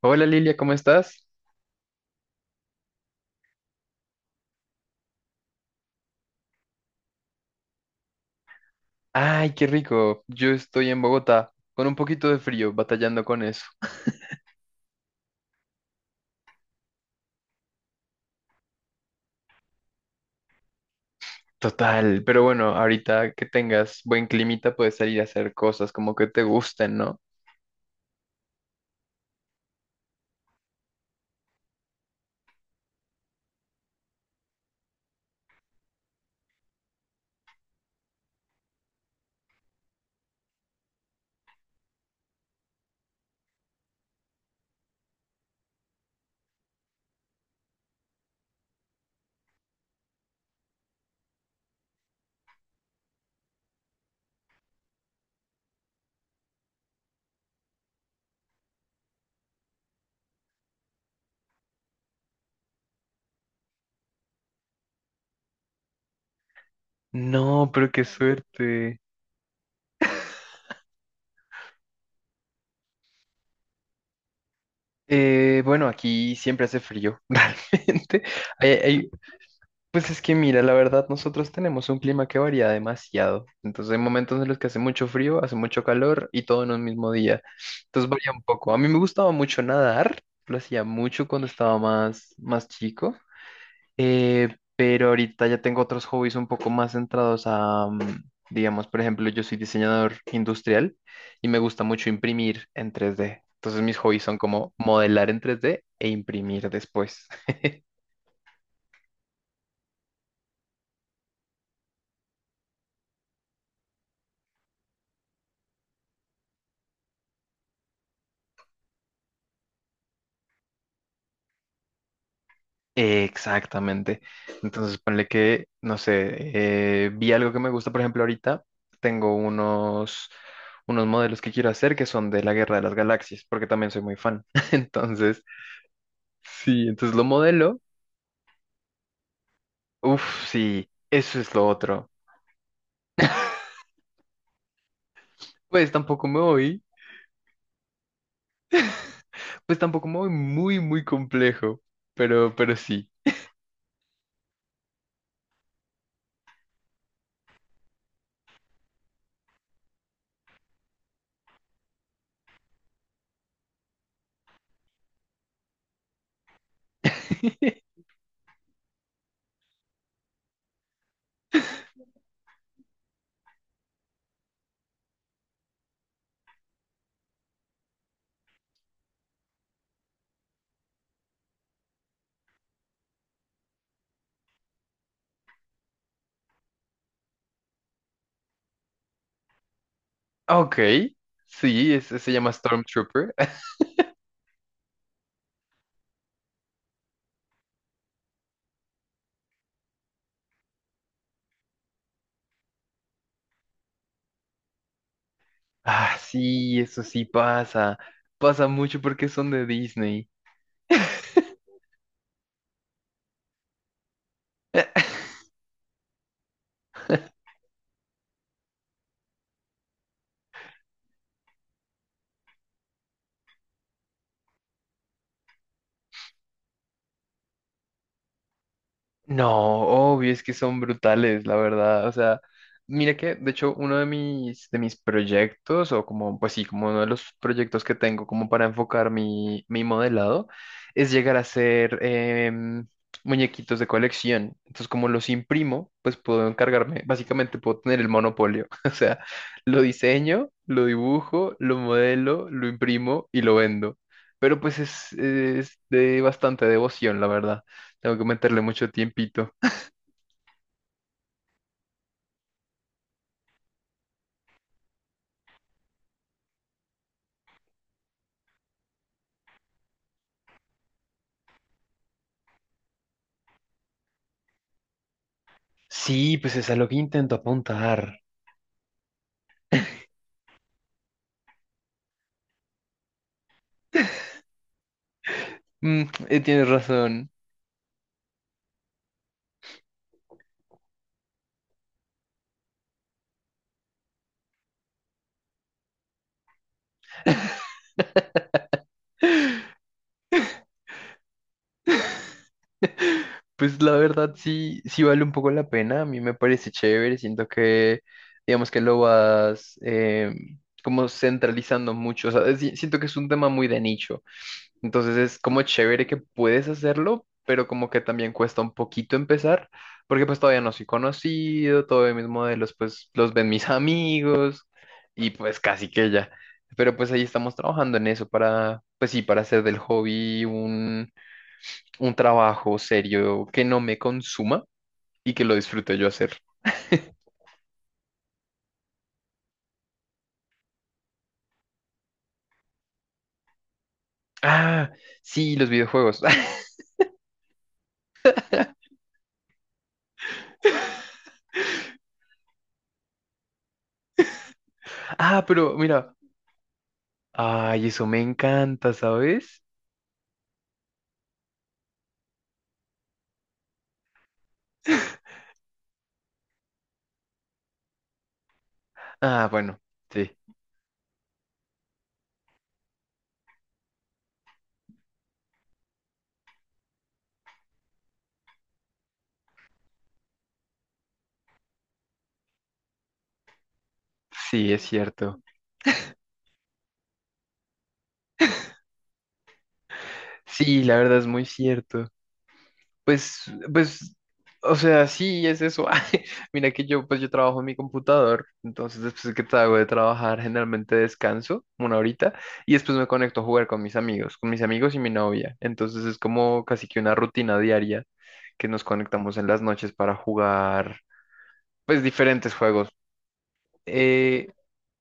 Hola Lilia, ¿cómo estás? Ay, qué rico. Yo estoy en Bogotá con un poquito de frío, batallando con eso. Total, pero bueno, ahorita que tengas buen climita puedes salir a hacer cosas como que te gusten, ¿no? No, pero qué suerte. Bueno, aquí siempre hace frío, realmente. Hay, hay- Pues es que mira, la verdad, nosotros tenemos un clima que varía demasiado. Entonces hay momentos en los que hace mucho frío, hace mucho calor y todo en un mismo día. Entonces varía un poco. A mí me gustaba mucho nadar, lo hacía mucho cuando estaba más chico, pero ahorita ya tengo otros hobbies un poco más centrados digamos, por ejemplo, yo soy diseñador industrial y me gusta mucho imprimir en 3D. Entonces mis hobbies son como modelar en 3D e imprimir después. Exactamente. Entonces, ponle que, no sé, vi algo que me gusta, por ejemplo, ahorita tengo unos, unos modelos que quiero hacer que son de la Guerra de las Galaxias, porque también soy muy fan. Entonces, sí, entonces lo modelo. Uf, sí, eso es lo otro. Pues tampoco me voy, pues tampoco me voy muy complejo, pero sí. Ok, sí, ese se llama Stormtrooper. Ah, sí, eso sí pasa. Pasa mucho porque son de Disney. No, obvio, es que son brutales, la verdad. O sea, mira que, de hecho, uno de mis proyectos, o como, pues sí, como uno de los proyectos que tengo como para enfocar mi modelado, es llegar a hacer muñequitos de colección. Entonces, como los imprimo, pues puedo encargarme, básicamente puedo tener el monopolio. O sea, lo diseño, lo dibujo, lo modelo, lo imprimo y lo vendo. Pero pues es de bastante devoción, la verdad. Tengo que meterle mucho tiempito. Sí, pues es a lo que intento apuntar. Mm, tienes razón. Pues la verdad sí, sí vale un poco la pena. A mí me parece chévere. Siento que, digamos que lo vas como centralizando mucho. O sea, siento que es un tema muy de nicho. Entonces es como chévere que puedes hacerlo, pero como que también cuesta un poquito empezar, porque pues todavía no soy conocido, todavía mis modelos pues los ven mis amigos y pues casi que ya. Pero pues ahí estamos trabajando en eso para, pues sí, para hacer del hobby un trabajo serio que no me consuma y que lo disfrute yo hacer. Ah, sí, los videojuegos. Ah, pero mira, ay, eso me encanta, ¿sabes? Ah, bueno, sí. Sí, es cierto. Sí, la verdad es muy cierto. Pues, pues, o sea, sí, es eso. Ay, mira que yo, pues yo trabajo en mi computador, entonces después que hago de trabajar, generalmente descanso una horita y después me conecto a jugar con mis amigos y mi novia. Entonces es como casi que una rutina diaria que nos conectamos en las noches para jugar, pues, diferentes juegos. Eh,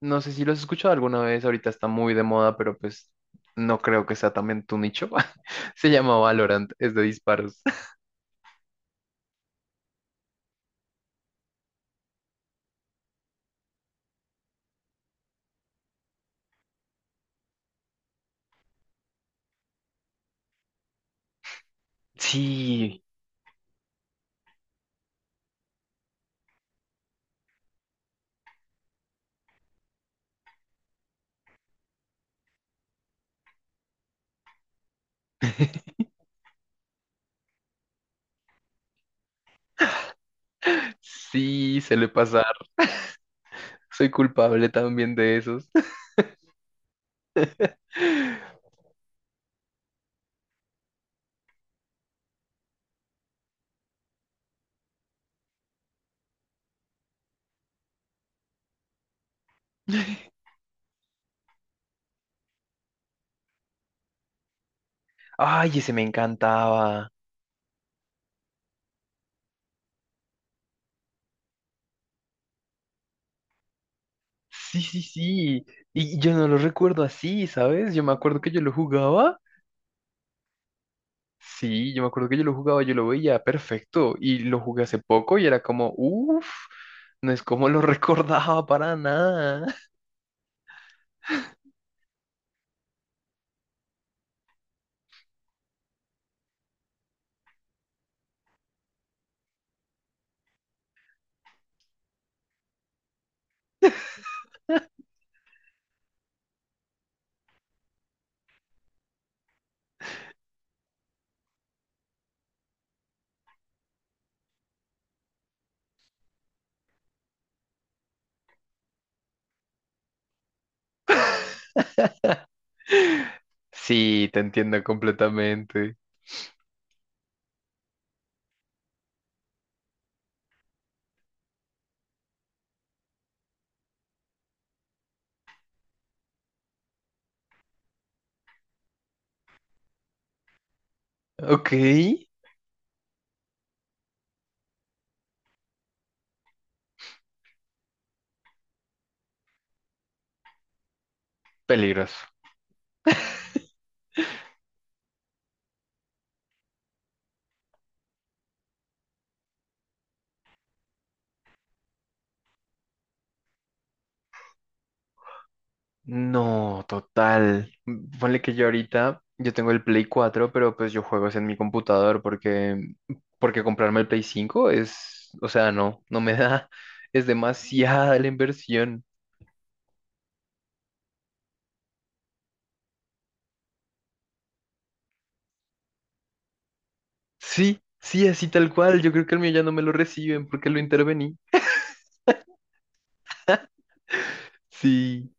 no sé si lo has escuchado alguna vez, ahorita está muy de moda, pero pues no creo que sea también tu nicho. Se llama Valorant, es de disparos. Sí, sí, se le pasar. Soy culpable también de esos. Ay, ese me encantaba. Sí, sí, sí. Y yo no lo recuerdo así, ¿sabes? Yo me acuerdo que yo lo jugaba. Sí, yo me acuerdo que yo lo jugaba, yo lo veía perfecto y lo jugué hace poco y era como, uff, no es como lo recordaba para nada. Sí, te entiendo completamente. Ok, peligroso. No, total. Ponle que yo ahorita, yo tengo el Play 4, pero pues yo juego es en mi computador porque, porque comprarme el Play 5 es, o sea, no, no me da, es demasiada la inversión. Sí, sí, así tal cual. Yo creo que el mío ya no me lo reciben porque lo intervení. Sí.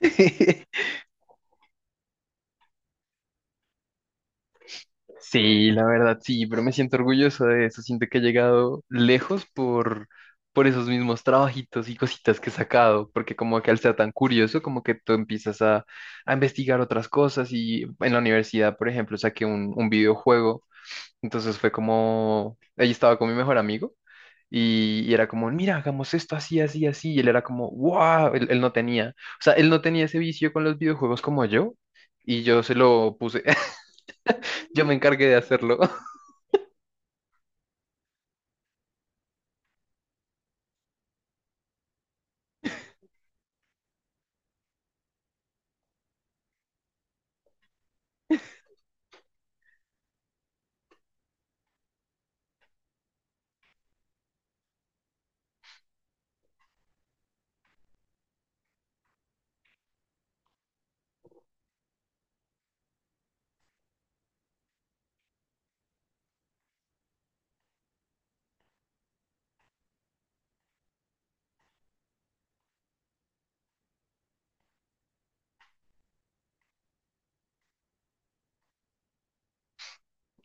Sí, la verdad, sí, pero me siento orgulloso de eso. Siento que he llegado lejos por esos mismos trabajitos y cositas que he sacado, porque como que al ser tan curioso, como que tú empiezas a investigar otras cosas y en la universidad, por ejemplo, saqué un videojuego, entonces fue como, ahí estaba con mi mejor amigo. Y era como, mira, hagamos esto así, así, así. Y él era como, wow, él no tenía, o sea, él no tenía ese vicio con los videojuegos como yo. Y yo se lo puse, yo me encargué de hacerlo.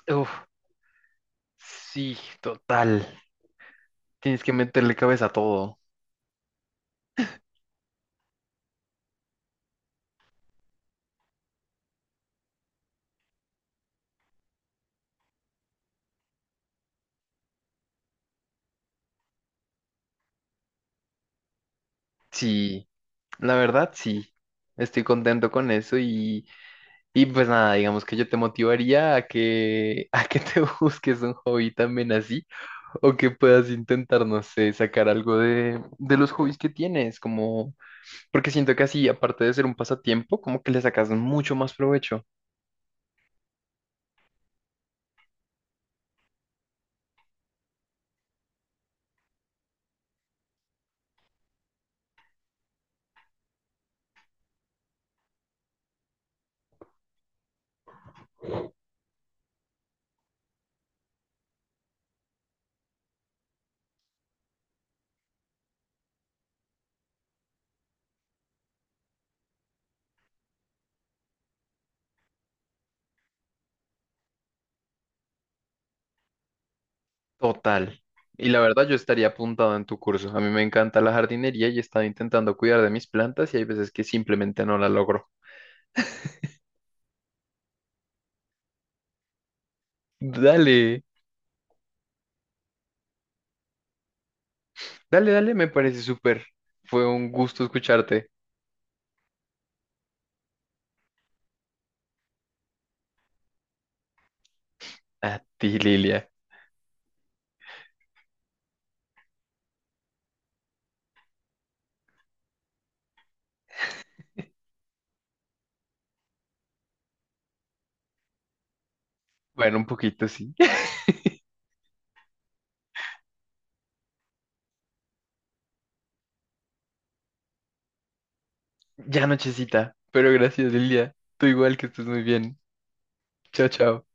Uf, sí, total. Tienes que meterle cabeza a todo. Sí, la verdad, sí. Estoy contento con eso y pues nada, digamos que yo te motivaría a que, a que te busques un hobby también así o que puedas intentar, no sé, sacar algo de los hobbies que tienes, como. Porque siento que así, aparte de ser un pasatiempo, como que le sacas mucho más provecho. Total. Y la verdad, yo estaría apuntado en tu curso. A mí me encanta la jardinería y he estado intentando cuidar de mis plantas y hay veces que simplemente no la logro. Dale, dale, me parece súper. Fue un gusto escucharte. A ti, Lilia. Bueno, un poquito sí. Ya nochecita, pero gracias, Lilia. Tú igual que estés muy bien. Chao, chao.